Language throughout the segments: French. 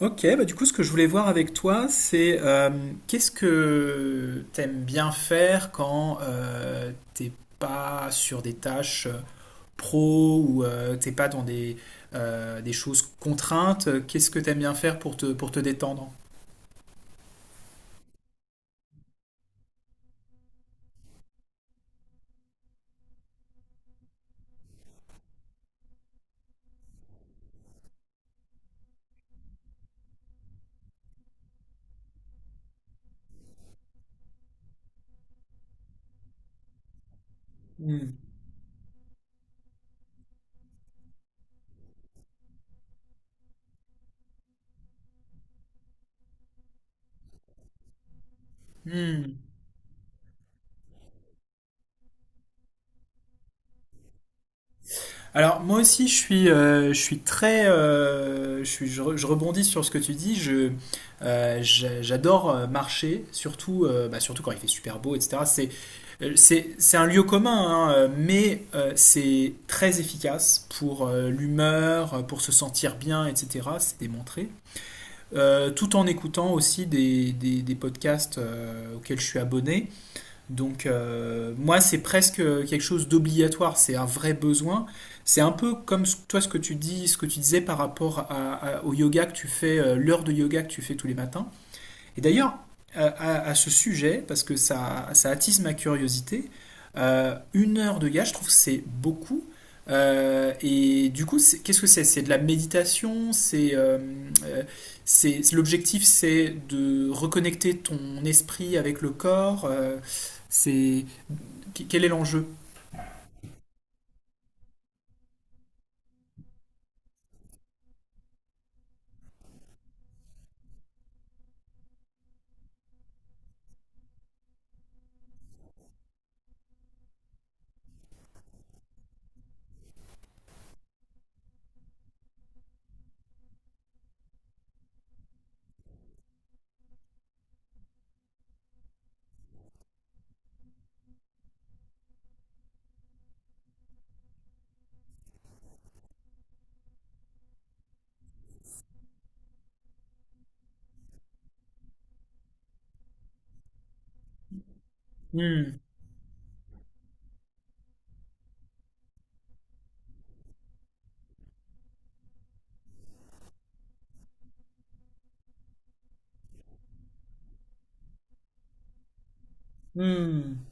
Ok, bah du coup, ce que je voulais voir avec toi, c'est qu'est-ce que t'aimes bien faire quand t'es pas sur des tâches pro ou t'es pas dans des choses contraintes. Qu'est-ce que t'aimes bien faire pour te détendre? Hmm. Hmm. Alors moi aussi je suis très, je, suis, je, re- je rebondis sur ce que tu dis. J'adore marcher, surtout quand il fait super beau, etc. C'est un lieu commun, hein, mais c'est très efficace pour l'humeur, pour se sentir bien, etc. C'est démontré. Tout en écoutant aussi des podcasts auxquels je suis abonné. Donc moi, c'est presque quelque chose d'obligatoire, c'est un vrai besoin. C'est un peu comme toi ce que tu dis, ce que tu disais par rapport à- au yoga que tu fais, l'heure de yoga que tu fais tous les matins. Et d'ailleurs, à ce sujet, parce que ça attise ma curiosité, une heure de gars, je trouve que c'est beaucoup. Et du coup, qu'est-ce que c'est? C'est de la méditation, euh, l'objectif, c'est de reconnecter ton esprit avec le corps. C'est Quel est l'enjeu? Hmm, hmm,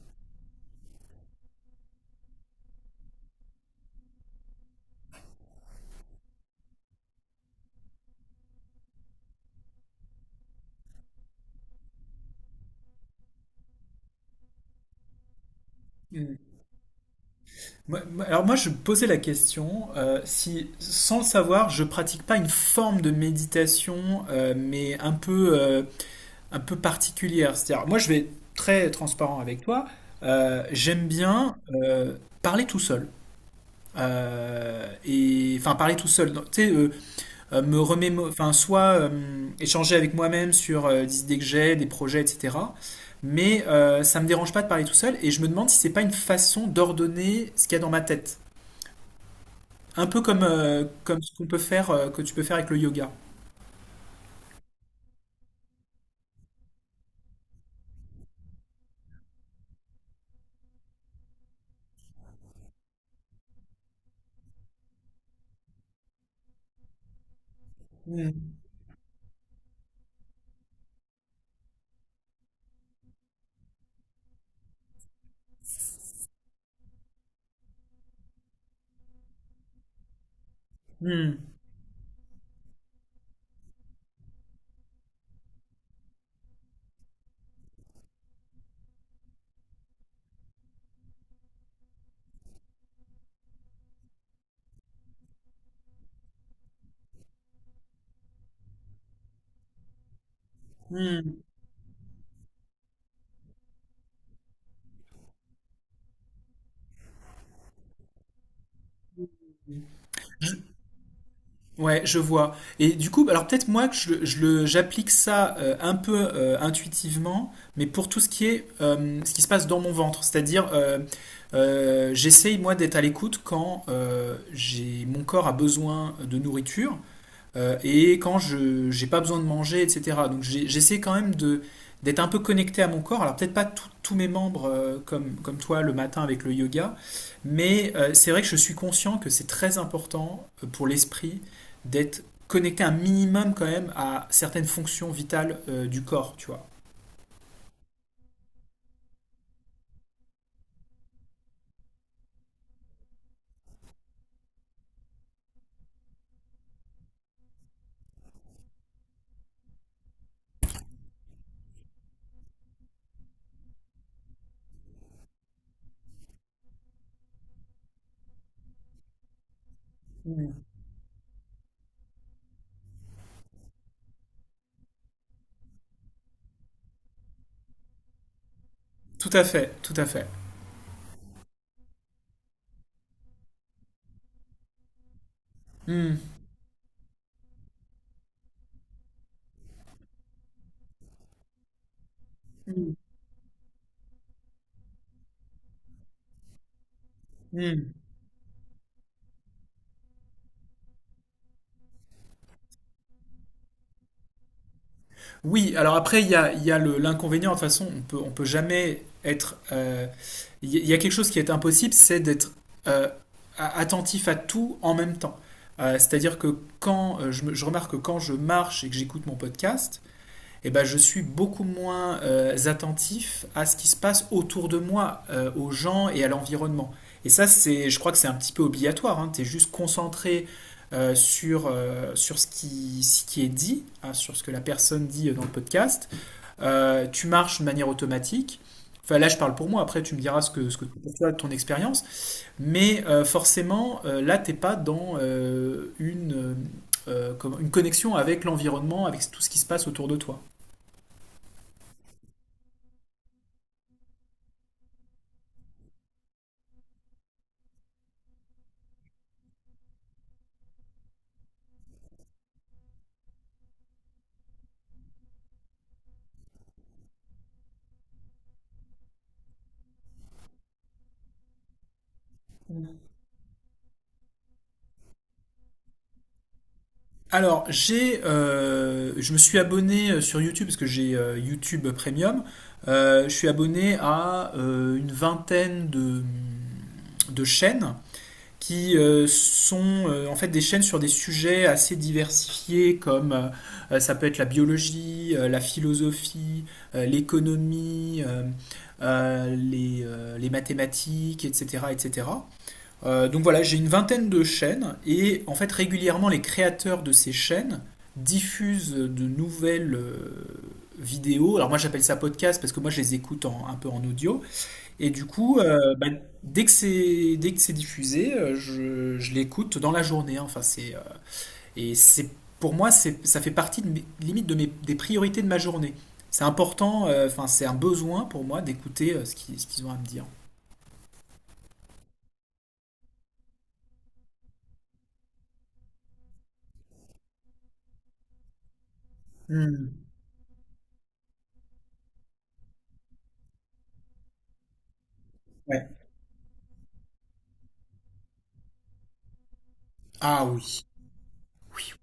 hmm. Alors moi, je me posais la question si, sans le savoir, je pratique pas une forme de méditation, mais un peu particulière. C'est-à-dire, moi, je vais être très transparent avec toi. J'aime bien euh, parler tout seul. Et enfin parler tout seul. Donc, tu sais, enfin soit échanger avec moi-même sur des idées que j'ai, des projets, etc. Mais ça me dérange pas de parler tout seul, et je me demande si c'est pas une façon d'ordonner ce qu'il y a dans ma tête. Un peu comme ce qu'on peut faire, que tu peux faire avec le yoga. Hmm. Hmm. Hmm. Ouais, je vois. Et du coup, alors peut-être moi que j'applique ça un peu intuitivement, mais pour tout ce qui est ce qui se passe dans mon ventre, c'est-à-dire j'essaye moi d'être à l'écoute quand j'ai mon corps a besoin de nourriture et quand je j'ai pas besoin de manger, etc. Donc j'essaie quand même de d'être un peu connecté à mon corps. Alors peut-être pas tous mes membres comme, comme toi le matin avec le yoga, mais c'est vrai que je suis conscient que c'est très important pour l'esprit d'être connecté un minimum quand même à certaines fonctions vitales du corps, tu vois. Tout à fait, tout à fait. Hmm. Hmm. Oui, alors après, il y a l'inconvénient. De toute façon, on peut jamais être il y a quelque chose qui est impossible, c'est d'être euh, attentif à tout en même temps. C'est-à-dire que quand je remarque que quand je marche et que j'écoute mon podcast, eh ben, je suis beaucoup moins attentif à ce qui se passe autour de moi, aux gens et à l'environnement. Et ça, je crois que c'est un petit peu obligatoire. Hein. Tu es juste concentré sur, ce qui est dit, hein, sur ce que la personne dit dans le podcast. Tu marches de manière automatique. Enfin, là, je parle pour moi. Après, tu me diras ce que pour toi, ton expérience. Mais forcément, là, t'es pas dans comme une connexion avec l'environnement, avec tout ce qui se passe autour de toi. Alors, je me suis abonné sur YouTube parce que j'ai YouTube Premium. Je suis abonné à une vingtaine de chaînes qui sont en fait des chaînes sur des sujets assez diversifiés comme ça peut être la biologie, la philosophie, l'économie, les mathématiques, etc., etc. Donc voilà, j'ai une vingtaine de chaînes et en fait régulièrement les créateurs de ces chaînes diffusent de nouvelles vidéos. Alors moi j'appelle ça podcast parce que moi je les écoute un peu en audio. Et du coup, bah, dès que c'est diffusé, je l'écoute dans la journée. Hein. Enfin c'est et c'est pour moi, c'est ça fait partie de limite des priorités de ma journée. C'est important, enfin c'est un besoin pour moi d'écouter ce qu'ils ont à me dire. Hmm. Ouais. Ah oui. Oui.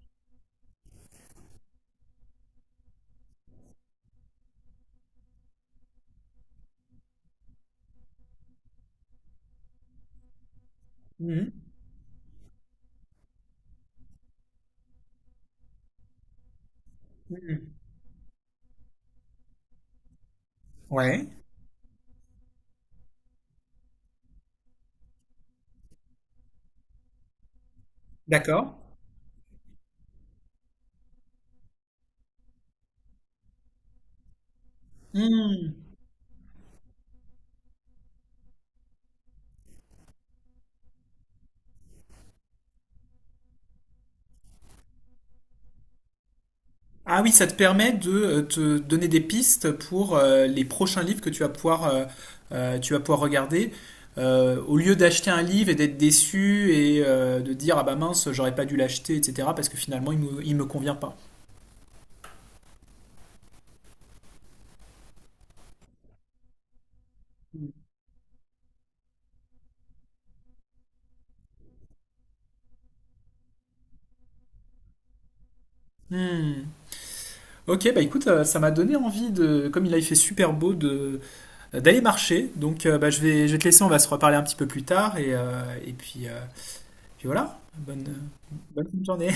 Mhm. Ouais, d'accord. Hmm. Ah oui, ça te permet de te donner des pistes pour les prochains livres que tu vas pouvoir regarder. Au lieu d'acheter un livre et d'être déçu et de dire ah bah mince, j'aurais pas dû l'acheter, etc. parce que finalement il me convient pas. Hmm. Ok, bah écoute, ça m'a donné envie de, comme il a fait super beau, de d'aller marcher. Donc bah, je vais te laisser, on va se reparler un petit peu plus tard et puis, voilà. Bonne journée.